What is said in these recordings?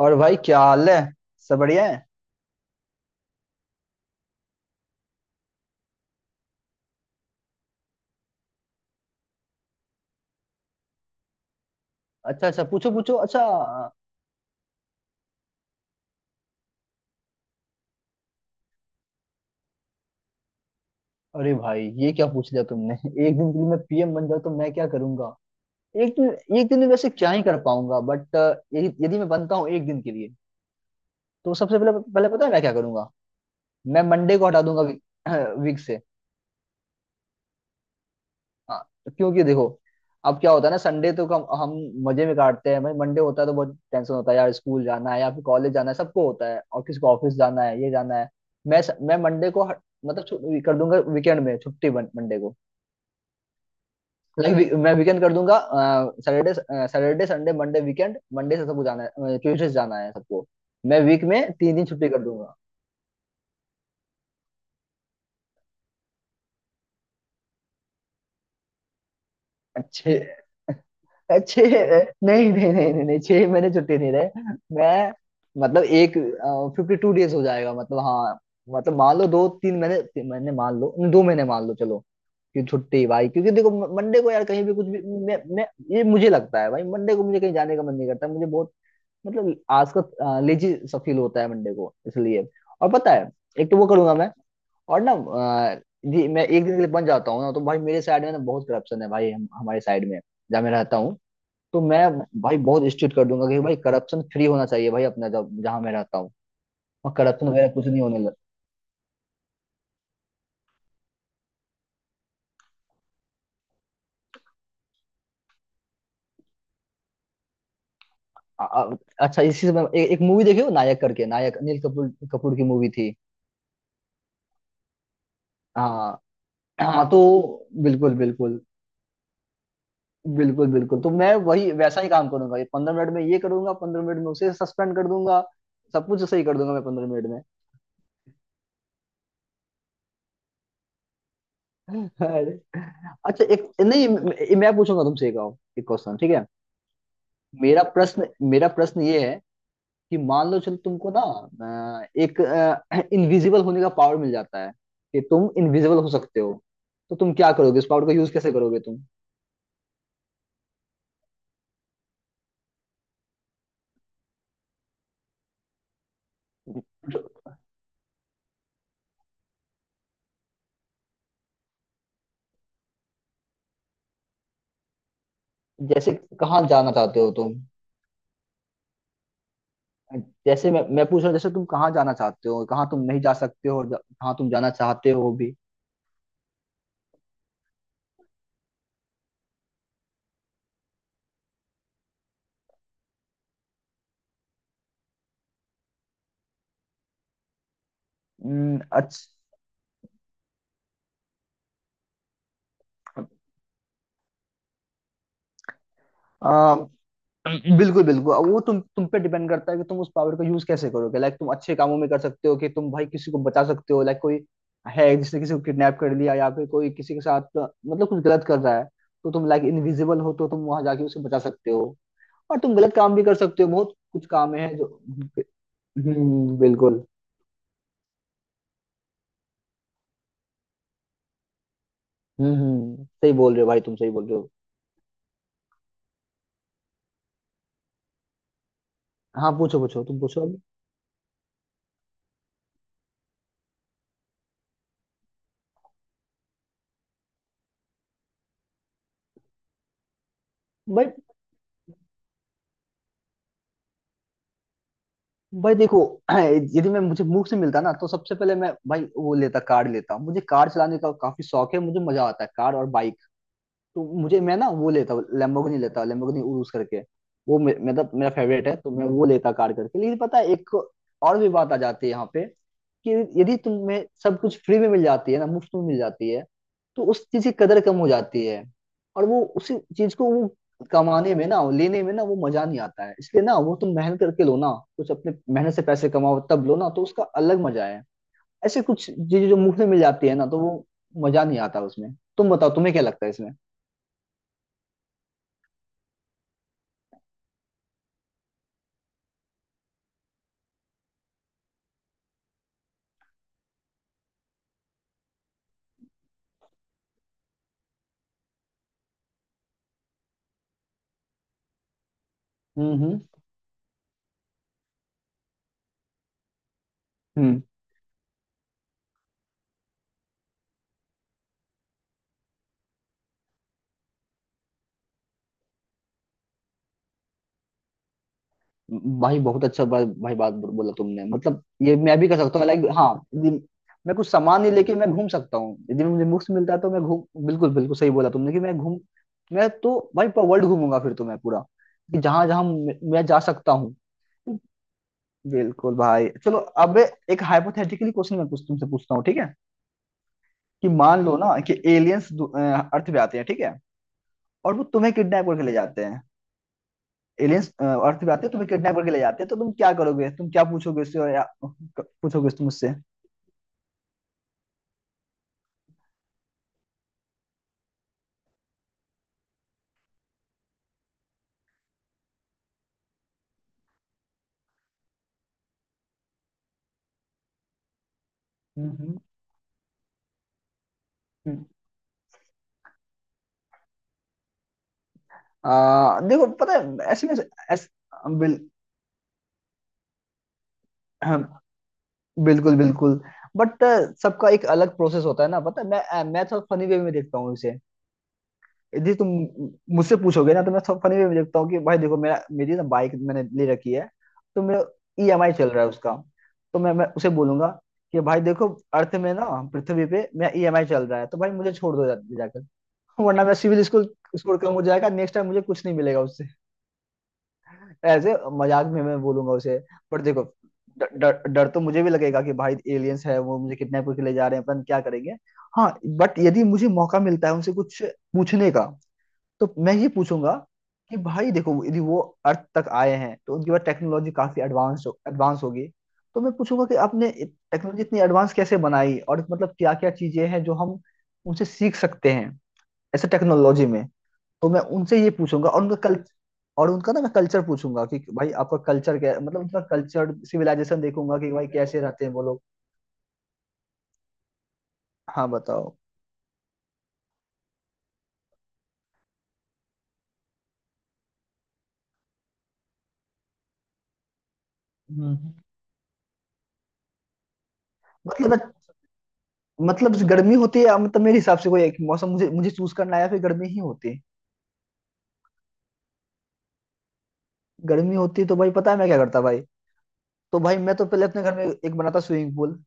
और भाई क्या हाल है? सब बढ़िया है। अच्छा अच्छा, पूछो पूछो, अच्छा। अरे भाई, ये क्या पूछ लिया तुमने? एक दिन के लिए मैं पीएम बन जाऊँ तो मैं क्या करूंगा? एक दिन, एक दिन में वैसे क्या ही कर पाऊंगा, बट यदि यदि मैं बनता हूँ एक दिन के लिए तो सबसे पहले, पता है मैं क्या करूंगा? मैं मंडे को हटा दूंगा वीक से। हाँ। तो क्योंकि देखो, अब क्या होता है ना, संडे तो कम हम मजे में काटते हैं भाई, मंडे होता है तो बहुत टेंशन होता है यार। स्कूल जाना है या फिर कॉलेज जाना है सबको होता है, और किसी को ऑफिस जाना है, ये जाना है। मैं मैं मतलब कर दूंगा वीकेंड में, छुट्टी मंडे को। लाइक, मैं वीकेंड कर दूंगा। Saturday Saturday Sunday Monday weekend, Monday से सबको जाना है, ट्यूसडे से जाना है सबको। मैं वीक में 3 दिन छुट्टी कर दूंगा। अच्छे, अच्छे। नहीं नहीं नहीं नहीं नहीं, 6 महीने छुट्टी नहीं रहे। मैं मतलब एक 52 डेज हो जाएगा मतलब, हाँ। मतलब मान लो 2 3 महीने, 3 महीने मान लो, 2 महीने मान लो, चलो, कि छुट्टी भाई। क्योंकि देखो मंडे को यार, कहीं भी कुछ भी, मैं ये मुझे लगता है भाई, मंडे को मुझे कहीं जाने का मन नहीं करता, मुझे बहुत, मतलब आज का लेजी सा फील होता है मंडे को, इसलिए। और पता है एक तो वो करूंगा मैं, और ना जी, मैं एक दिन के लिए बन जाता हूँ ना, तो भाई मेरे साइड में ना बहुत करप्शन है भाई, हमारे साइड में जहाँ मैं रहता हूँ। तो मैं भाई बहुत स्ट्रिक्ट कर दूंगा कि भाई करप्शन फ्री होना चाहिए भाई अपना, जब जहाँ मैं रहता हूँ, और करप्शन वगैरह कुछ नहीं होने लग। आ- आ- अच्छा, इसी से मैं एक मूवी देखी हो, नायक करके, नायक अनिल कपूर कपूर की मूवी थी। हाँ हाँ। तो बिल्कुल बिल्कुल, बिल्कुल बिल्कुल, तो मैं वही वैसा ही काम करूंगा, ये 15 मिनट में ये करूंगा, 15 मिनट में उसे सस्पेंड कर दूंगा, सब कुछ सही कर दूंगा मैं 15 मिनट में। अरे, अच्छा एक नहीं, मैं पूछूंगा तुमसे एक क्वेश्चन, ठीक है? मेरा प्रश्न ये, कि मान लो, चलो तुमको ना एक इनविजिबल होने का पावर मिल जाता है, कि तुम इनविजिबल हो सकते हो, तो तुम क्या करोगे? इस पावर का यूज कैसे करोगे तुम? ज- जैसे कहाँ जाना चाहते हो तुम, जैसे मैं पूछ रहा हूँ, जैसे तुम कहाँ जाना चाहते हो, कहाँ तुम नहीं जा सकते हो, और कहाँ तुम जाना चाहते हो भी। हम्म, अच्छा। बिल्कुल बिल्कुल, अब वो तुम पे डिपेंड करता है कि तुम उस पावर का यूज कैसे करोगे। लाइक, तुम अच्छे कामों में कर सकते हो, कि तुम भाई किसी को बचा सकते हो, लाइक कोई है जिसने किसी को किडनैप कर लिया, या फिर कोई किसी के साथ, मतलब कुछ गलत कर रहा है, तो तुम लाइक इनविजिबल हो तो तुम वहां जाके उसे बचा सकते हो। और तुम गलत काम भी कर सकते हो, बहुत कुछ काम है जो। हम्म, बिल्कुल। हम्म, सही बोल रहे हो भाई, तुम सही बोल रहे हो। हाँ, पूछो पूछो, तुम पूछो अभी, भाई। भाई देखो, यदि मैं, मुझे मुफ्त से मिलता ना, तो सबसे पहले मैं भाई वो लेता कार, लेता। मुझे कार चलाने का काफी शौक है, मुझे मजा आता है कार, और तो मुझे, मैं ना वो लेता लैम्बोर्गिनी, लेता लैम्बोर्गिनी उरुस करके। मतलब मेरा फेवरेट है, तो मैं वो लेता कार करके। लेकिन पता है, एक और भी बात आ जाती है यहाँ पे, कि यदि तुम्हें सब कुछ फ्री में मिल जाती है ना, मुफ्त में मिल जाती है, तो उस चीज की कदर कम हो जाती है। और वो उसी चीज को वो कमाने में ना, लेने में ना, वो मजा नहीं आता है। इसलिए ना वो तुम मेहनत करके लो ना, कुछ अपने मेहनत से पैसे कमाओ तब लो ना, तो उसका अलग मजा है। ऐसे कुछ चीजें जो मुफ्त में मिल जाती है ना, तो वो मजा नहीं आता उसमें। तुम बताओ तुम्हें क्या लगता है इसमें? हम्म हम्म। भाई बहुत अच्छा, भाई, बोला तुमने, मतलब ये मैं भी कर सकता हूँ लाइक। हाँ, यदि मैं कुछ सामान नहीं लेके मैं घूम सकता हूँ, यदि मुझे मुफ्त मिलता है तो मैं घूम, बिल्कुल बिल्कुल, सही बोला तुमने, कि मैं घूम, मैं तो भाई पूरा वर्ल्ड घूमूंगा, फिर तो मैं पूरा, कि जहां जहां मैं जा सकता हूँ। बिल्कुल भाई, चलो। अब एक हाइपोथेटिकली क्वेश्चन मैं कुछ तुमसे पूछता हूँ, ठीक है? कि मान लो ना कि एलियंस अर्थ पे आते हैं, ठीक है, और वो तुम्हें किडनैप करके ले जाते हैं। एलियंस अर्थ पे आते हैं, तुम्हें किडनैप करके ले जाते हैं, तो तुम क्या करोगे? तुम क्या पूछोगे उससे, और या पूछोगे तुम उससे? हम्म। हम्म। देखो, पता है, ऐसे में, ऐसे, बिल, हम, बिल्कुल बिल्कुल, बट सबका एक अलग प्रोसेस होता है ना। पता है मैं थोड़ा फनी वे में देखता हूँ इसे। जी, तुम मुझसे पूछोगे ना तो मैं सब फनी वे में देखता हूँ कि भाई देखो, मेरा मेरी ना बाइक मैंने ले रखी है, तो मेरा ईएमआई चल रहा है उसका, तो मैं उसे बोलूंगा कि भाई देखो, अर्थ में ना, पृथ्वी पे मेरा ईएमआई चल रहा है, तो भाई मुझे छोड़ दो जाकर, वरना मेरा सिविल स्कोर, स्कोर कम हो जाएगा, नेक्स्ट टाइम मुझे कुछ नहीं मिलेगा उससे। ऐसे मजाक में मैं बोलूंगा उसे। पर देखो, डर डर तो मुझे भी लगेगा कि भाई एलियंस है, वो मुझे किडनैप करके ले जा रहे हैं, अपन क्या करेंगे। हाँ, बट यदि मुझे मौका मिलता है उनसे कुछ पूछने का, तो मैं ये पूछूंगा कि भाई देखो, यदि वो अर्थ तक आए हैं तो उनके पास टेक्नोलॉजी काफी एडवांस होगी। तो मैं पूछूंगा कि आपने टेक्नोलॉजी इतनी एडवांस कैसे बनाई, और मतलब क्या क्या चीजें हैं जो हम उनसे सीख सकते हैं ऐसे टेक्नोलॉजी में। तो मैं उनसे ये पूछूंगा, और उनका ना मैं कल्चर पूछूंगा, कि भाई आपका कल्चर क्या, मतलब उनका कल्चर सिविलाइजेशन देखूंगा कि भाई कैसे रहते हैं वो लोग। हाँ, बताओ। हम्म। मतलब मतलब गर्मी होती है या, मतलब मेरे हिसाब से कोई एक मौसम मुझे मुझे चूज करना है, या फिर गर्मी ही होती है? गर्मी होती तो भाई पता है मैं क्या करता भाई? तो भाई मैं तो पहले अपने घर में एक बनाता स्विमिंग पूल,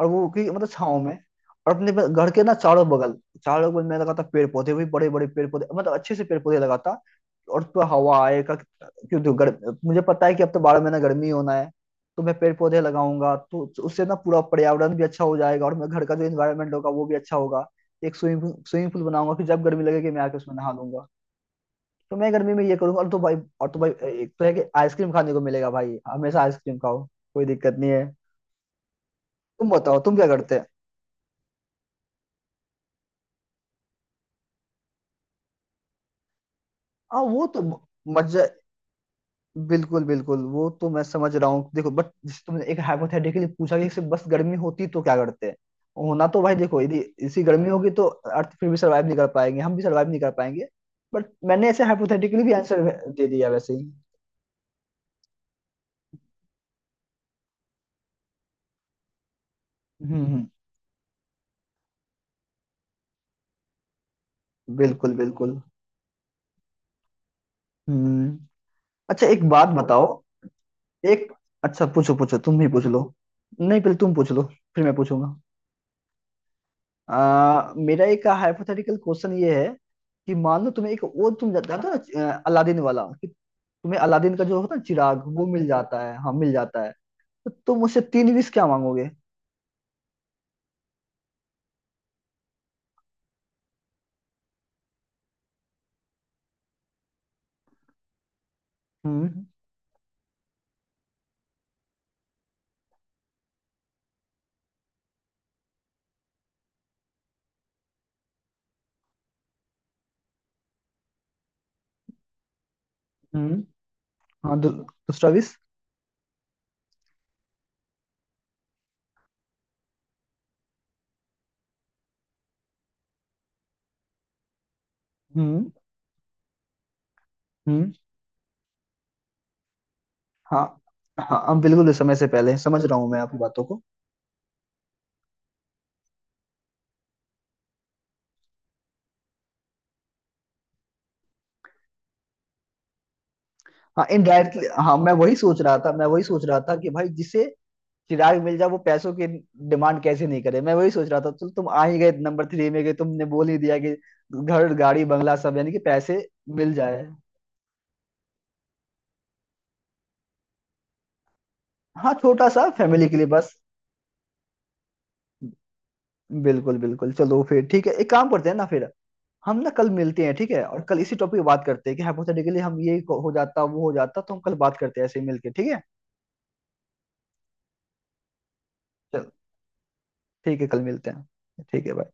और वो कि मतलब छाँव में, और अपने घर के ना चारों बगल, चारों बगल मैं लगाता पेड़ पौधे भी, बड़े बड़े पेड़ पौधे, मतलब अच्छे से पेड़ पौधे लगाता, और तो हवा आए का क्यों। तो गर्म, मुझे पता है कि अब तो 12 महीना गर्मी होना है, तो मैं पेड़ पौधे लगाऊंगा, तो उससे ना पूरा पर्यावरण भी अच्छा हो जाएगा, और मैं घर का जो इन्वायरमेंट होगा वो भी अच्छा होगा। एक स्विमिंग स्विमिंग पूल बनाऊंगा कि जब गर्मी लगेगी मैं आके उसमें नहा लूंगा। तो मैं गर्मी में ये करूंगा, और तो भाई, एक तो है कि आइसक्रीम खाने को मिलेगा भाई, हमेशा आइसक्रीम खाओ, कोई दिक्कत नहीं है। तुम बताओ तुम क्या करते हैं। हाँ वो तो मजा, बिल्कुल बिल्कुल, वो तो मैं समझ रहा हूँ देखो, बट जिस तुमने एक हाइपोथेटिकली पूछा कि सिर्फ बस गर्मी होती तो क्या करते हैं होना, तो भाई देखो यदि इसी गर्मी होगी, तो अर्थ फिर भी सरवाइव नहीं कर पाएंगे, हम भी सरवाइव नहीं कर पाएंगे। बट मैंने ऐसे हाइपोथेटिकली भी आंसर दे दिया वैसे ही। हम्म हम्म, बिल्कुल बिल्कुल। हम्म, अच्छा एक बात बताओ। एक, अच्छा, पूछो पूछो, तुम ही पूछ लो। नहीं पहले तुम पूछ लो, फिर मैं पूछूंगा। मेरा एक हाइपोथेटिकल क्वेश्चन ये है कि मान लो तुम्हें एक वो, तुम जानते हो ना अलादीन वाला, कि तुम्हें अलादीन का जो होता है ना चिराग, वो मिल जाता है, हाँ मिल जाता है, तो तुम मुझसे तीन विश क्या मांगोगे? हम्म। हम्म। हाँ, दूसरा विश। हम्म। हम्म। हाँ हाँ, हम बिल्कुल, इस समय से पहले समझ रहा हूँ मैं आपकी बातों को। हाँ इनडायरेक्टली, हाँ, मैं वही सोच रहा था कि भाई जिसे चिराग मिर्जा, वो पैसों की डिमांड कैसे नहीं करे, मैं वही सोच रहा था, तो तुम आ ही गए नंबर 3 में, गए तुमने बोल ही दिया कि घर गाड़ी बंगला सब, यानी कि पैसे मिल जाए। हाँ, छोटा सा फैमिली के लिए, बस। बिल्कुल बिल्कुल, चलो फिर ठीक है, एक काम करते हैं ना फिर, हम ना कल मिलते हैं, ठीक है, और कल इसी टॉपिक पे बात करते हैं कि हाइपोथेटिकली हम ये हो जाता वो हो जाता, तो हम कल बात करते हैं ऐसे ही मिलके, ठीक है। चलो, ठीक है, कल मिलते हैं, ठीक है।